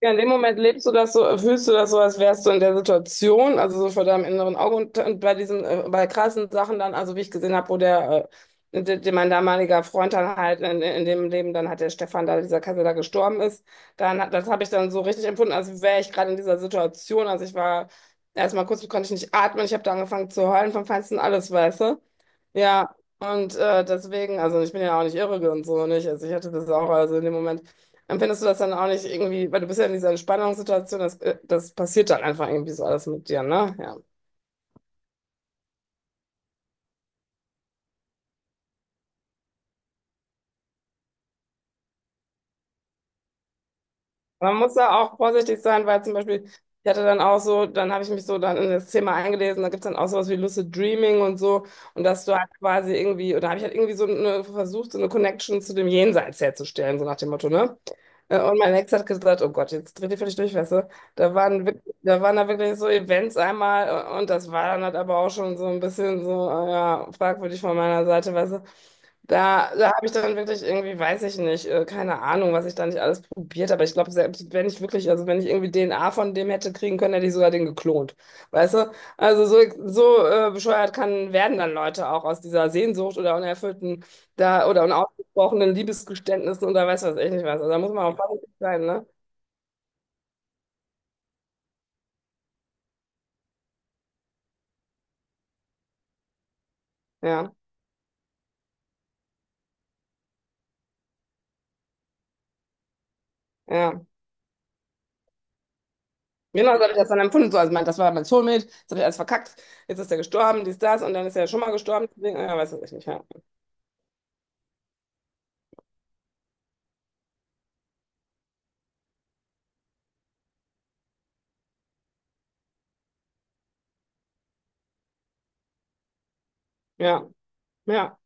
Ja, in dem Moment lebst du das so, fühlst du das so, als wärst du in der Situation, also so vor deinem inneren Auge und bei bei krassen Sachen dann, also wie ich gesehen habe, wo mein damaliger Freund dann halt in dem Leben, dann hat der Stefan da, dieser Kassel da gestorben ist, das habe ich dann so richtig empfunden, als wäre ich gerade in dieser Situation, also ich war erstmal kurz, konnte ich nicht atmen, ich habe da angefangen zu heulen vom Feinsten alles, weißt du? Ja, und deswegen, also ich bin ja auch nicht irre und so nicht. Also ich hatte das auch, also in dem Moment empfindest du das dann auch nicht irgendwie, weil du bist ja in dieser Entspannungssituation, das passiert dann einfach irgendwie so alles mit dir, ne? Ja. Man muss da auch vorsichtig sein, weil zum Beispiel, ich hatte dann auch so, dann habe ich mich so dann in das Thema eingelesen, da gibt es dann auch sowas wie Lucid Dreaming und so, und dass du halt quasi irgendwie, oder habe ich halt irgendwie so eine, versucht, so eine Connection zu dem Jenseits herzustellen, so nach dem Motto, ne? Und mein Ex hat gesagt, oh Gott, jetzt dreht ihr völlig durch, weißt du? Da waren da wirklich so Events einmal und das war dann halt aber auch schon so ein bisschen so, ja, fragwürdig von meiner Seite, weißt du? Da habe ich dann wirklich irgendwie, weiß ich nicht, keine Ahnung, was ich da nicht alles probiert habe. Ich glaube, selbst wenn ich wirklich, also wenn ich irgendwie DNA von dem hätte kriegen können, hätte ich sogar den geklont. Weißt du? Also so, so bescheuert kann, werden dann Leute auch aus dieser Sehnsucht oder unerfüllten da oder unausgesprochenen Liebesgeständnissen oder weiß was ich nicht was. Also da muss man auch vorsichtig sein, ne? Ja, ja. Genau so habe ich das dann empfunden. So, also mein, das war mein Soulmate, jetzt habe ich alles verkackt, jetzt ist er gestorben, dies, das, und dann ist er schon mal gestorben. Deswegen, ja, weiß was ich nicht. Ja. Ja. Ja.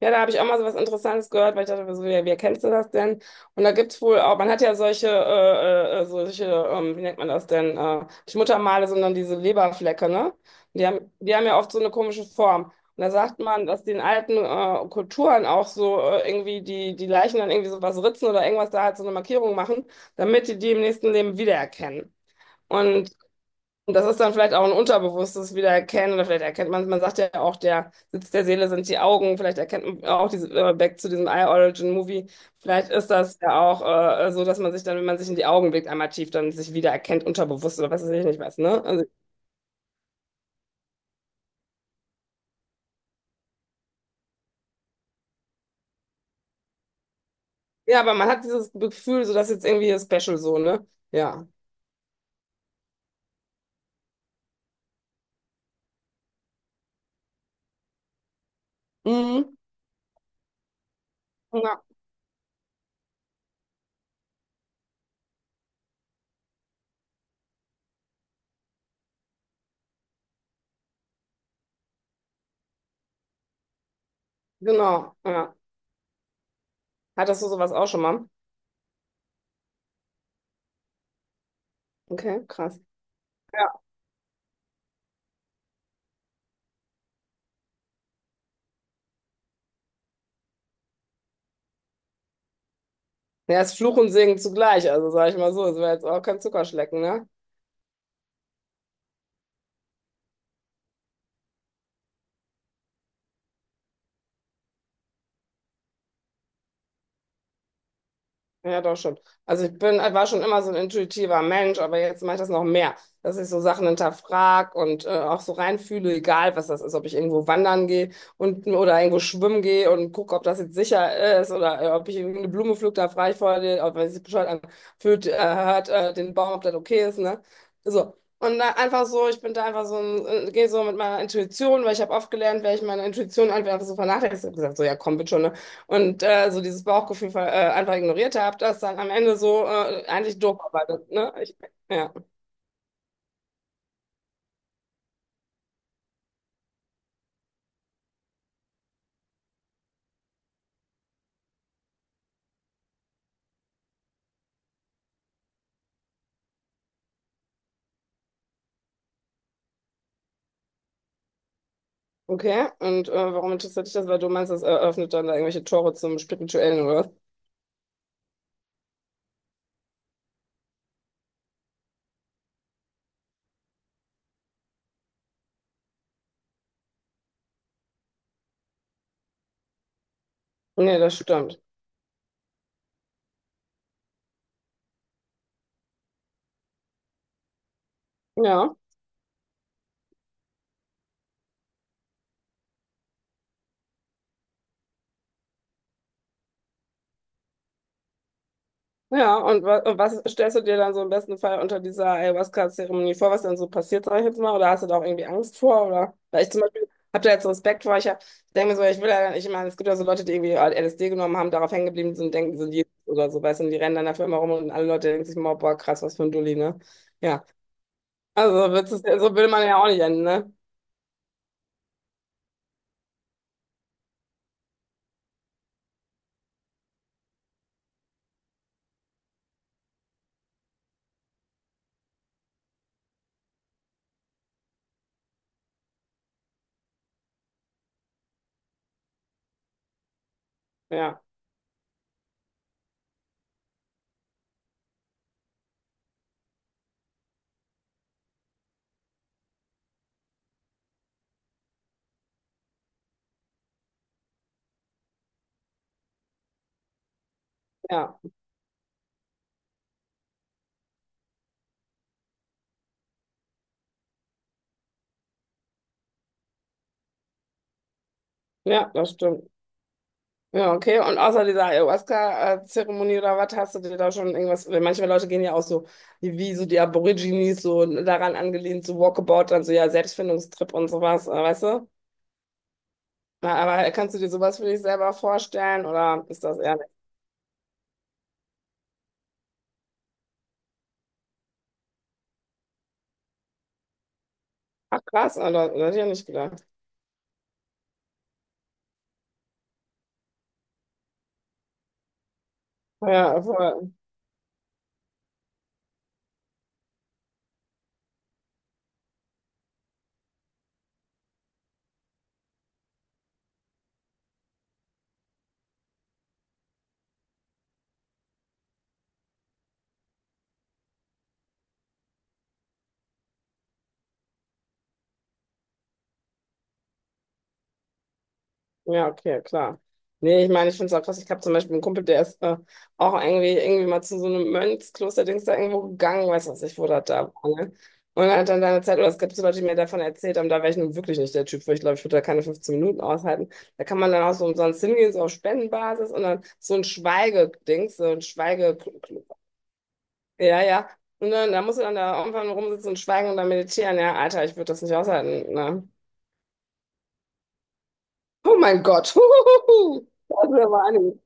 Ja, da habe ich auch mal so was Interessantes gehört, weil ich dachte, so, wer kennst du das denn? Und da gibt's wohl auch, man hat ja solche, solche, wie nennt man das denn? Nicht Muttermale, sondern diese Leberflecke, ne? Die haben ja oft so eine komische Form. Und da sagt man, dass die in alten Kulturen auch so irgendwie die Leichen dann irgendwie so was ritzen oder irgendwas da halt so eine Markierung machen, damit die die im nächsten Leben wiedererkennen. Und und das ist dann vielleicht auch ein unterbewusstes Wiedererkennen oder vielleicht erkennt man, man sagt ja auch, der Sitz der Seele sind die Augen, vielleicht erkennt man auch diese, back zu diesem Eye-Origin-Movie, vielleicht ist das ja auch so, dass man sich dann, wenn man sich in die Augen blickt, einmal tief dann sich wiedererkennt, unterbewusst oder was weiß ich nicht was, ne? Also, ja, aber man hat dieses Gefühl, so dass jetzt irgendwie special so, ne? Ja. Mhm. Ja, genau, ja. Hattest du sowas auch schon mal? Okay, krass. Ja, ja, ist Fluch und Segen zugleich, also sag ich mal so, es war jetzt auch kein Zuckerschlecken, ne? Ja, doch schon. Also ich bin, war schon immer so ein intuitiver Mensch, aber jetzt mache ich das noch mehr, dass ich so Sachen hinterfrag und auch so reinfühle, egal was das ist, ob ich irgendwo wandern gehe und oder irgendwo schwimmen gehe und gucke, ob das jetzt sicher ist oder ob ich irgendeine Blume pflück, da frage ich vorher, den, ob wenn sich bescheuert anfühlt, hört den Baum, ob das okay ist, ne? So. Und da einfach so, ich bin da einfach so, gehe so mit meiner Intuition, weil ich habe oft gelernt, wenn ich meine Intuition einfach so vernachlässige, ich hab gesagt, so ja komm, bitte schon, ne? Und so dieses Bauchgefühl einfach ignoriert habe, das dann am Ende so eigentlich doof arbeitet. Ne? Ich, ja, okay. Und warum interessiert dich das? Weil du meinst, das eröffnet dann da irgendwelche Tore zum Spirituellen oder was? Nee, das stimmt. Ja. Ja, und wa und was stellst du dir dann so im besten Fall unter dieser Ayahuasca-Zeremonie vor, was dann so passiert, sag ich jetzt mal, oder hast du da auch irgendwie Angst vor, oder? Weil ich zum Beispiel habe da jetzt so Respekt vor, ich hab, denke mir so, ich will ja, ich meine, es gibt ja so Leute, die irgendwie LSD genommen haben, darauf hängen geblieben sind und denken, die sind Jesus oder so, weißt du, und die rennen dann dafür immer rum und alle Leute denken sich immer, boah, krass, was für ein Dulli, ne? Ja, also so wird's, so will man ja auch nicht enden, ne? Ja, ja, ja, das stimmt. Ja, okay. Und außer dieser Ayahuasca-Zeremonie oder was, hast du dir da schon irgendwas? Weil manche Leute gehen ja auch so, wie so die Aborigines, so daran angelehnt, so Walkabout, dann so ja, Selbstfindungstrip und sowas, weißt du? Na, aber kannst du dir sowas für dich selber vorstellen oder ist das eher nicht? Ach, krass, oder hätte ich ja nicht gedacht. Ja, voll. Ja, okay, ja, klar. Nee, ich meine, ich finde es auch krass. Ich habe zum Beispiel einen Kumpel, der ist auch irgendwie mal zu so einem Mönchskloster-Dings da irgendwo gegangen, weiß was ich, wo das da war. Ne? Und er hat dann da eine Zeit, oder es gibt so Leute, die mir davon erzählt haben, da wäre ich nun wirklich nicht der Typ für. Ich glaube, ich würde da keine 15 Minuten aushalten. Da kann man dann auch so umsonst hingehen, so auf Spendenbasis und dann so ein Schweigedings, so ein Schweige. Ja, ja. Und dann, da musst du dann da irgendwann rumsitzen und schweigen und dann meditieren. Ja, Alter, ich würde das nicht aushalten. Ne? Oh mein Gott. Das ist aber einiges.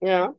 Ja.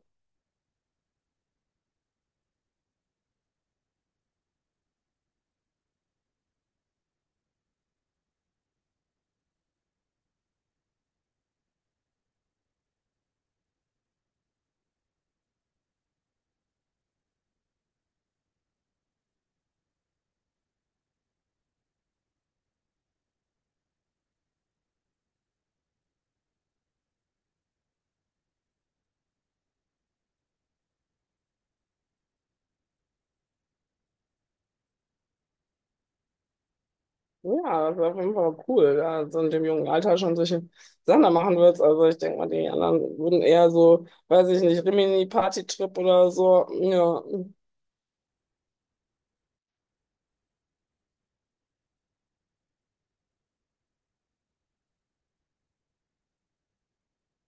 Ja, das ist auf jeden Fall cool, da so in dem jungen Alter schon solche Sachen da machen würdest. Also ich denke mal, die anderen würden eher so, weiß ich nicht, Rimini-Party-Trip oder so. Ja,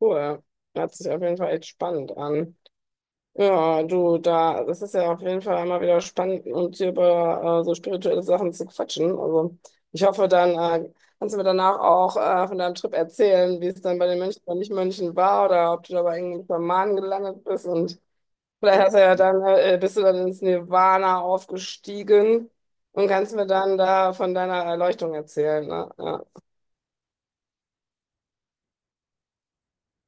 cool. Hört sich auf jeden Fall echt spannend an. Ja, du, da, das ist ja auf jeden Fall immer wieder spannend, und dir über so spirituelle Sachen zu quatschen. Also ich hoffe, dann äh, kannst du mir danach auch von deinem Trip erzählen, wie es dann bei den Mönchen oder Nicht-Mönchen war oder ob du da bei irgendeinem Schamanen gelandet bist und vielleicht hast du ja dann, bist du dann ins Nirvana aufgestiegen und kannst mir dann da von deiner Erleuchtung erzählen, ne? Ja.